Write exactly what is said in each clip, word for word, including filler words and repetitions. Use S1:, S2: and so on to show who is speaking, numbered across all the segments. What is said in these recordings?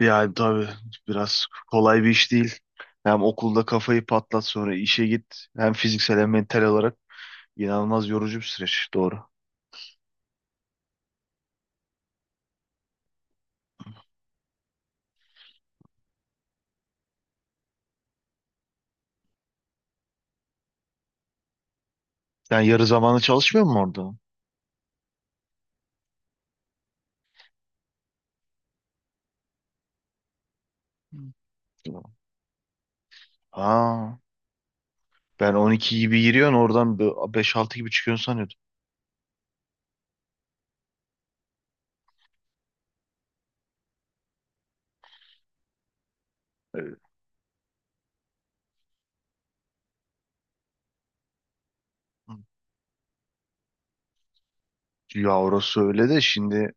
S1: Yani tabii biraz kolay bir iş değil. Hem okulda kafayı patlat sonra işe git. Hem fiziksel hem mental olarak inanılmaz yorucu bir süreç. Doğru. Yani yarı zamanlı çalışmıyor mu orada? Ha, ben on iki gibi giriyorsun oradan beş altı gibi çıkıyorsun sanıyordum. Ee, Ya orası öyle de şimdi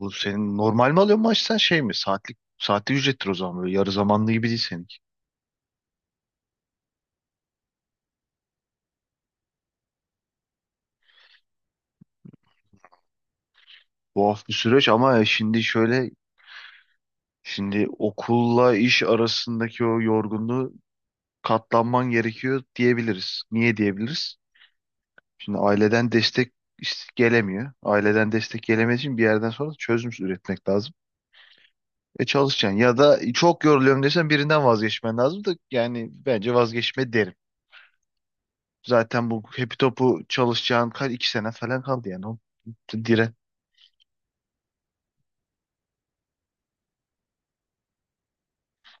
S1: bu senin normal mi alıyorsun maaş sen şey mi? Saatlik saatlik ücrettir o zaman, böyle yarı zamanlı gibi değil seninki. Tuhaf bir süreç ama e, şimdi şöyle, şimdi okulla iş arasındaki o yorgunluğu katlanman gerekiyor diyebiliriz. Niye diyebiliriz? Şimdi aileden destek is- gelemiyor. Aileden destek gelemediği için bir yerden sonra çözüm üretmek lazım. E çalışacaksın ya da çok yoruluyorum desen birinden vazgeçmen lazım da yani bence vazgeçme derim. Zaten bu hepi topu çalışacağın kaç iki sene falan kaldı yani. O, dire.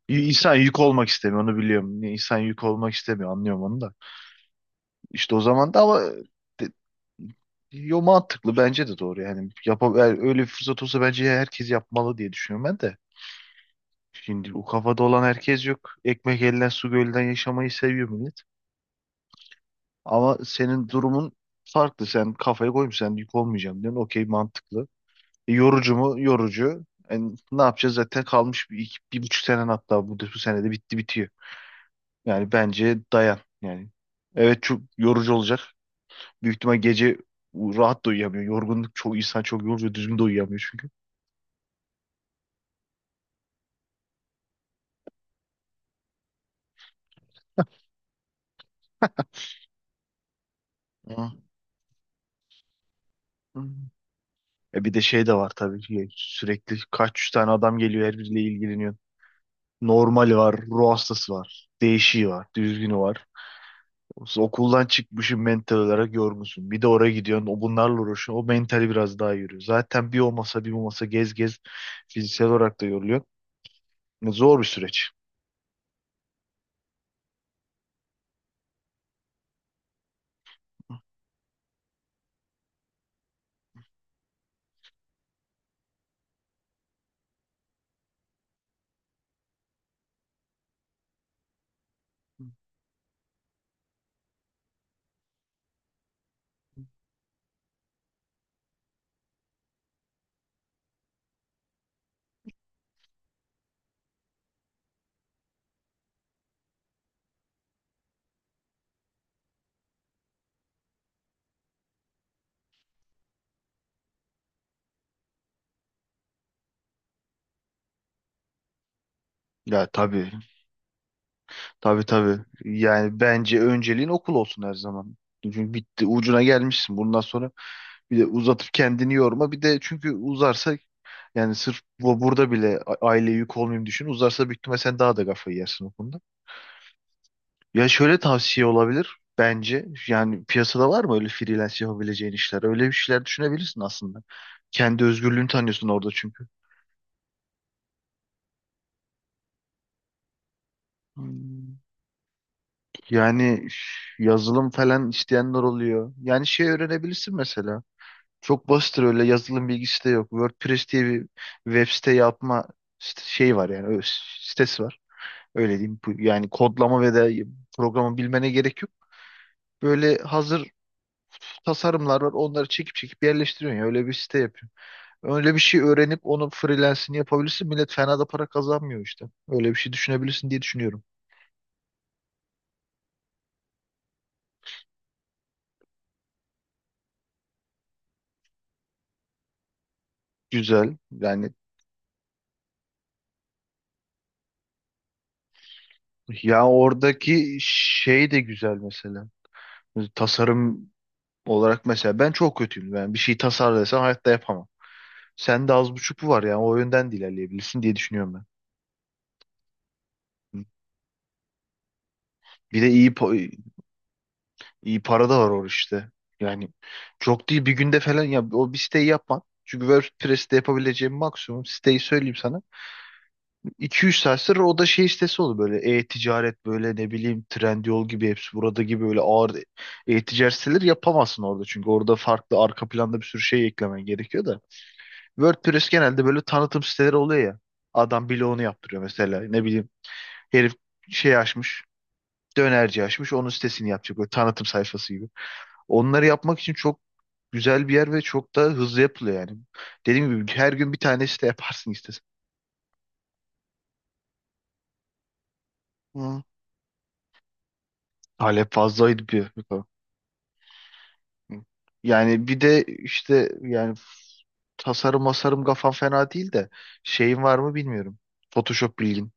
S1: İnsan yük olmak istemiyor, onu biliyorum. İnsan yük olmak istemiyor, anlıyorum onu da. İşte o zaman da ama de- yo, mantıklı, bence de doğru yani. Yap, öyle bir fırsat olsa bence herkes yapmalı diye düşünüyorum ben de. Şimdi o kafada olan herkes yok. Ekmek elden su gölden yaşamayı seviyor millet. Ama senin durumun farklı. Sen kafaya koymuş, sen yük olmayacağım diyorsun. Okey, mantıklı. E, yorucu mu? Yorucu. Yani ne yapacağız, zaten kalmış bir, iki- bir buçuk senen, hatta bu, bu senede bitti bitiyor. Yani bence dayan yani. Evet, çok yorucu olacak. Büyük ihtimal gece rahat da uyuyamıyor. Yorgunluk, çoğu insan çok yoruluyor. Düzgün de uyuyamıyor çünkü. Hı. Hı. E bir de şey de var, tabii ki sürekli kaç yüz tane adam geliyor, her biriyle ilgileniyor. Normali var, ruh hastası var, değişiği var, düzgünü var. Okuldan çıkmışsın, mental olarak yorgunsun. Bir de oraya gidiyorsun, o bunlarla uğraşıyorsun. O mentali biraz daha yürüyor. Zaten bir o masa bir bu masa gez gez fiziksel olarak da yoruluyor. Zor bir süreç. Ya tabii. Tabii, tabii. Yani bence önceliğin okul olsun her zaman. Çünkü bitti, ucuna gelmişsin. Bundan sonra bir de uzatıp kendini yorma. Bir de çünkü uzarsa, yani sırf bu burada bile a- aileye yük olmayayım düşün. Uzarsa büyük ihtimalle sen daha da kafayı yersin o konuda. Ya şöyle tavsiye olabilir bence. Yani piyasada var mı öyle freelance yapabileceğin işler? Öyle bir şeyler düşünebilirsin aslında. Kendi özgürlüğünü tanıyorsun orada çünkü. Hmm. Yani üf, yazılım falan isteyenler oluyor. Yani şey öğrenebilirsin mesela. Çok basittir, öyle yazılım bilgisi de yok. WordPress diye bir web site yapma st- şey var yani, ö- sitesi var. Öyle diyeyim. Bu- Yani kodlama ve de programı bilmene gerek yok. Böyle hazır tasarımlar var. Onları çekip çekip yerleştiriyorsun ya. Öyle bir site yapıyorsun. Öyle bir şey öğrenip onu freelance'ini yapabilirsin. Millet fena da para kazanmıyor işte. Öyle bir şey düşünebilirsin diye düşünüyorum. Güzel. Yani ya oradaki şey de güzel mesela. Tasarım olarak mesela ben çok kötüyüm. Yani bir şey tasarlasam hayatta yapamam. Sen de az buçuk bu var yani, o yönden de ilerleyebilirsin diye düşünüyorum ben. Bir de iyi pa- iyi para da var orada işte. Yani çok değil, bir günde falan ya o bir siteyi yapman. Çünkü WordPress'te yapabileceğim maksimum siteyi söyleyeyim sana. iki üç saat sonra o da şey sitesi oldu, böyle e-ticaret, böyle ne bileyim Trendyol gibi, hepsi burada gibi, böyle ağır e-ticaret siteleri yapamazsın orada. Çünkü orada farklı arka planda bir sürü şey eklemen gerekiyor da. WordPress genelde böyle tanıtım siteleri oluyor ya. Adam bloğunu yaptırıyor mesela, ne bileyim. Herif şey açmış. Dönerci açmış. Onun sitesini yapacak. Böyle tanıtım sayfası gibi. Onları yapmak için çok güzel bir yer ve çok da hızlı yapılıyor yani. Dediğim gibi her gün bir tane site yaparsın istesen. Hı. Talep fazlaydı bir. Yani bir de işte yani tasarım masarım kafam fena değil de, şeyin var mı bilmiyorum. Photoshop bilgin.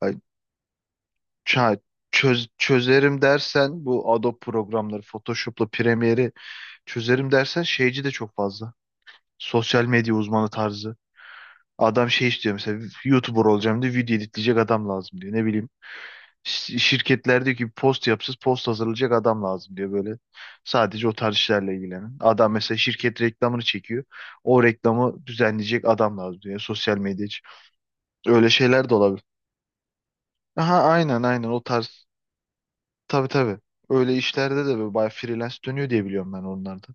S1: Ay, ça- çöz, çözerim dersen bu Adobe programları, Photoshop'la Premiere'i çözerim dersen, şeyci de çok fazla. Sosyal medya uzmanı tarzı. Adam şey istiyor mesela, YouTuber olacağım diye video editleyecek adam lazım diyor. Ne bileyim, şi- şirketler diyor ki post yapsız, post hazırlayacak adam lazım diyor böyle. Sadece o tarz işlerle ilgilenen. Adam mesela şirket reklamını çekiyor. O reklamı düzenleyecek adam lazım diyor. Sosyal medya için. Öyle şeyler de olabilir. Aha aynen aynen, o tarz. Tabii tabii. Öyle işlerde de böyle bayağı freelance dönüyor diye biliyorum ben onlarda.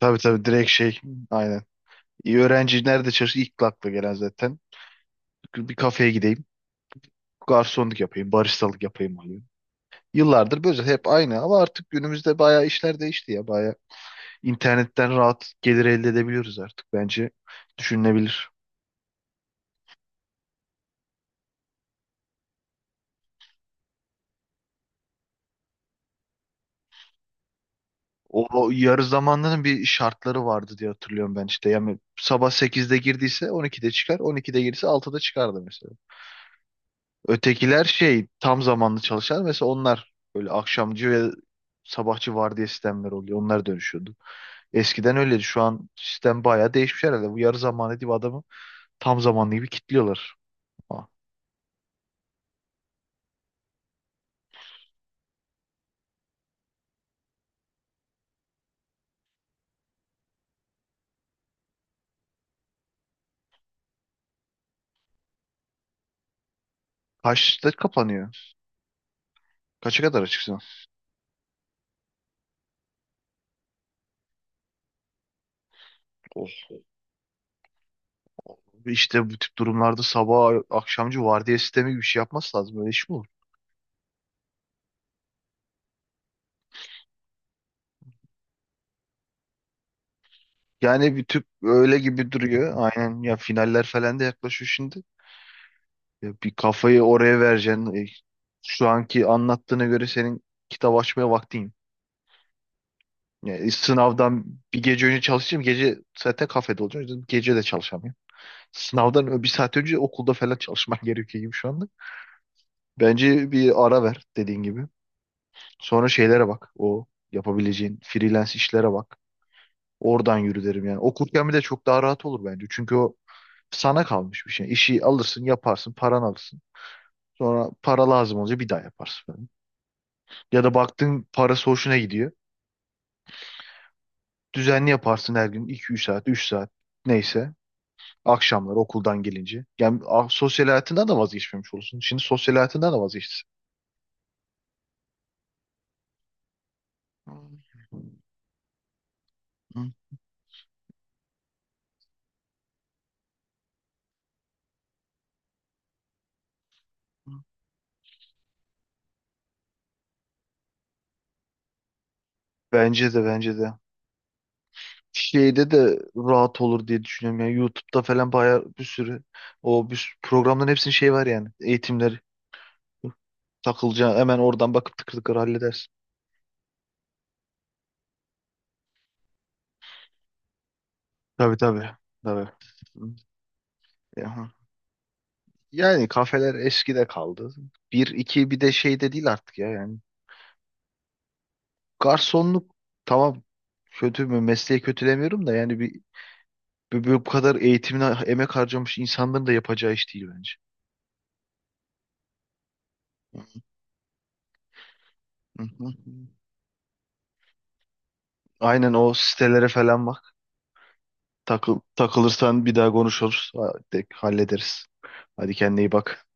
S1: Tabii tabii, direkt şey, aynen. İyi, öğrenci nerede çalışır, ilk akla gelen zaten. Bir kafeye gideyim, garsonluk yapayım, baristalık yapayım oluyor. Yıllardır böyle hep aynı ama artık günümüzde bayağı işler değişti ya. Bayağı internetten rahat gelir elde edebiliyoruz artık. Bence düşünülebilir. O, o yarı zamanlının bir şartları vardı diye hatırlıyorum ben işte. Yani sabah sekizde girdiyse on ikide çıkar, on ikide girdiyse altıda çıkardı mesela. Ötekiler şey, tam zamanlı çalışan mesela, onlar böyle akşamcı ve sabahçı vardiya sistemleri oluyor. Onlar dönüşüyordu. Eskiden öyleydi. Şu an sistem bayağı değişmiş herhalde. Bu yarı zamanlı diye adamı tam zamanlı gibi kilitliyorlar. Ha. Kaçta kapanıyor? Kaça kadar açıksın? Oh. İşte bu tip durumlarda sabah akşamcı vardiya sistemi gibi bir şey yapması lazım. Öyle iş mi olur? Yani bir tüp öyle gibi duruyor. Aynen ya, finaller falan da yaklaşıyor şimdi. Ya bir kafayı oraya vereceksin. E, şu anki anlattığına göre senin kitap açmaya vaktin. Yani sınavdan bir gece önce çalışacağım. Gece zaten kafede olacağım. O yüzden gece de çalışamıyorum. Sınavdan bir saat önce okulda falan çalışman gerekiyor gibi şu anda. Bence bir ara ver dediğin gibi. Sonra şeylere bak. O yapabileceğin freelance işlere bak. Oradan yürü derim yani. Okurken bir de çok daha rahat olur bence. Çünkü o sana kalmış bir şey. İşi alırsın, yaparsın, paran alırsın. Sonra para lazım olunca bir daha yaparsın falan. Ya da baktın, parası hoşuna gidiyor. Düzenli yaparsın her gün, iki üç saat, üç saat neyse. Akşamlar okuldan gelince. Yani ah, sosyal hayatından da vazgeçmemiş olursun. Şimdi sosyal hayatından da vazgeçtin. Hı, hı, hı. Bence de, bence de. Şeyde de rahat olur diye düşünüyorum. Yani YouTube'da falan bayağı bir sürü, o bir sürü programların hepsinin şey var yani. Eğitimleri, takılacağı hemen oradan bakıp tıkır tıkır halledersin. Tabii tabii. Tabii. Ya- Yani kafeler eskide kaldı. Bir iki bir de şey de değil artık ya yani. Garsonluk, tamam, kötü mü, mesleği kötülemiyorum da, yani bir, bir- bu kadar eğitimine emek harcamış insanların da yapacağı iş değil bence. Hı hı. Aynen, o sitelere falan bak. Takıl, takılırsan bir daha konuşuruz. Ha, de- hallederiz. Hadi kendine iyi bak.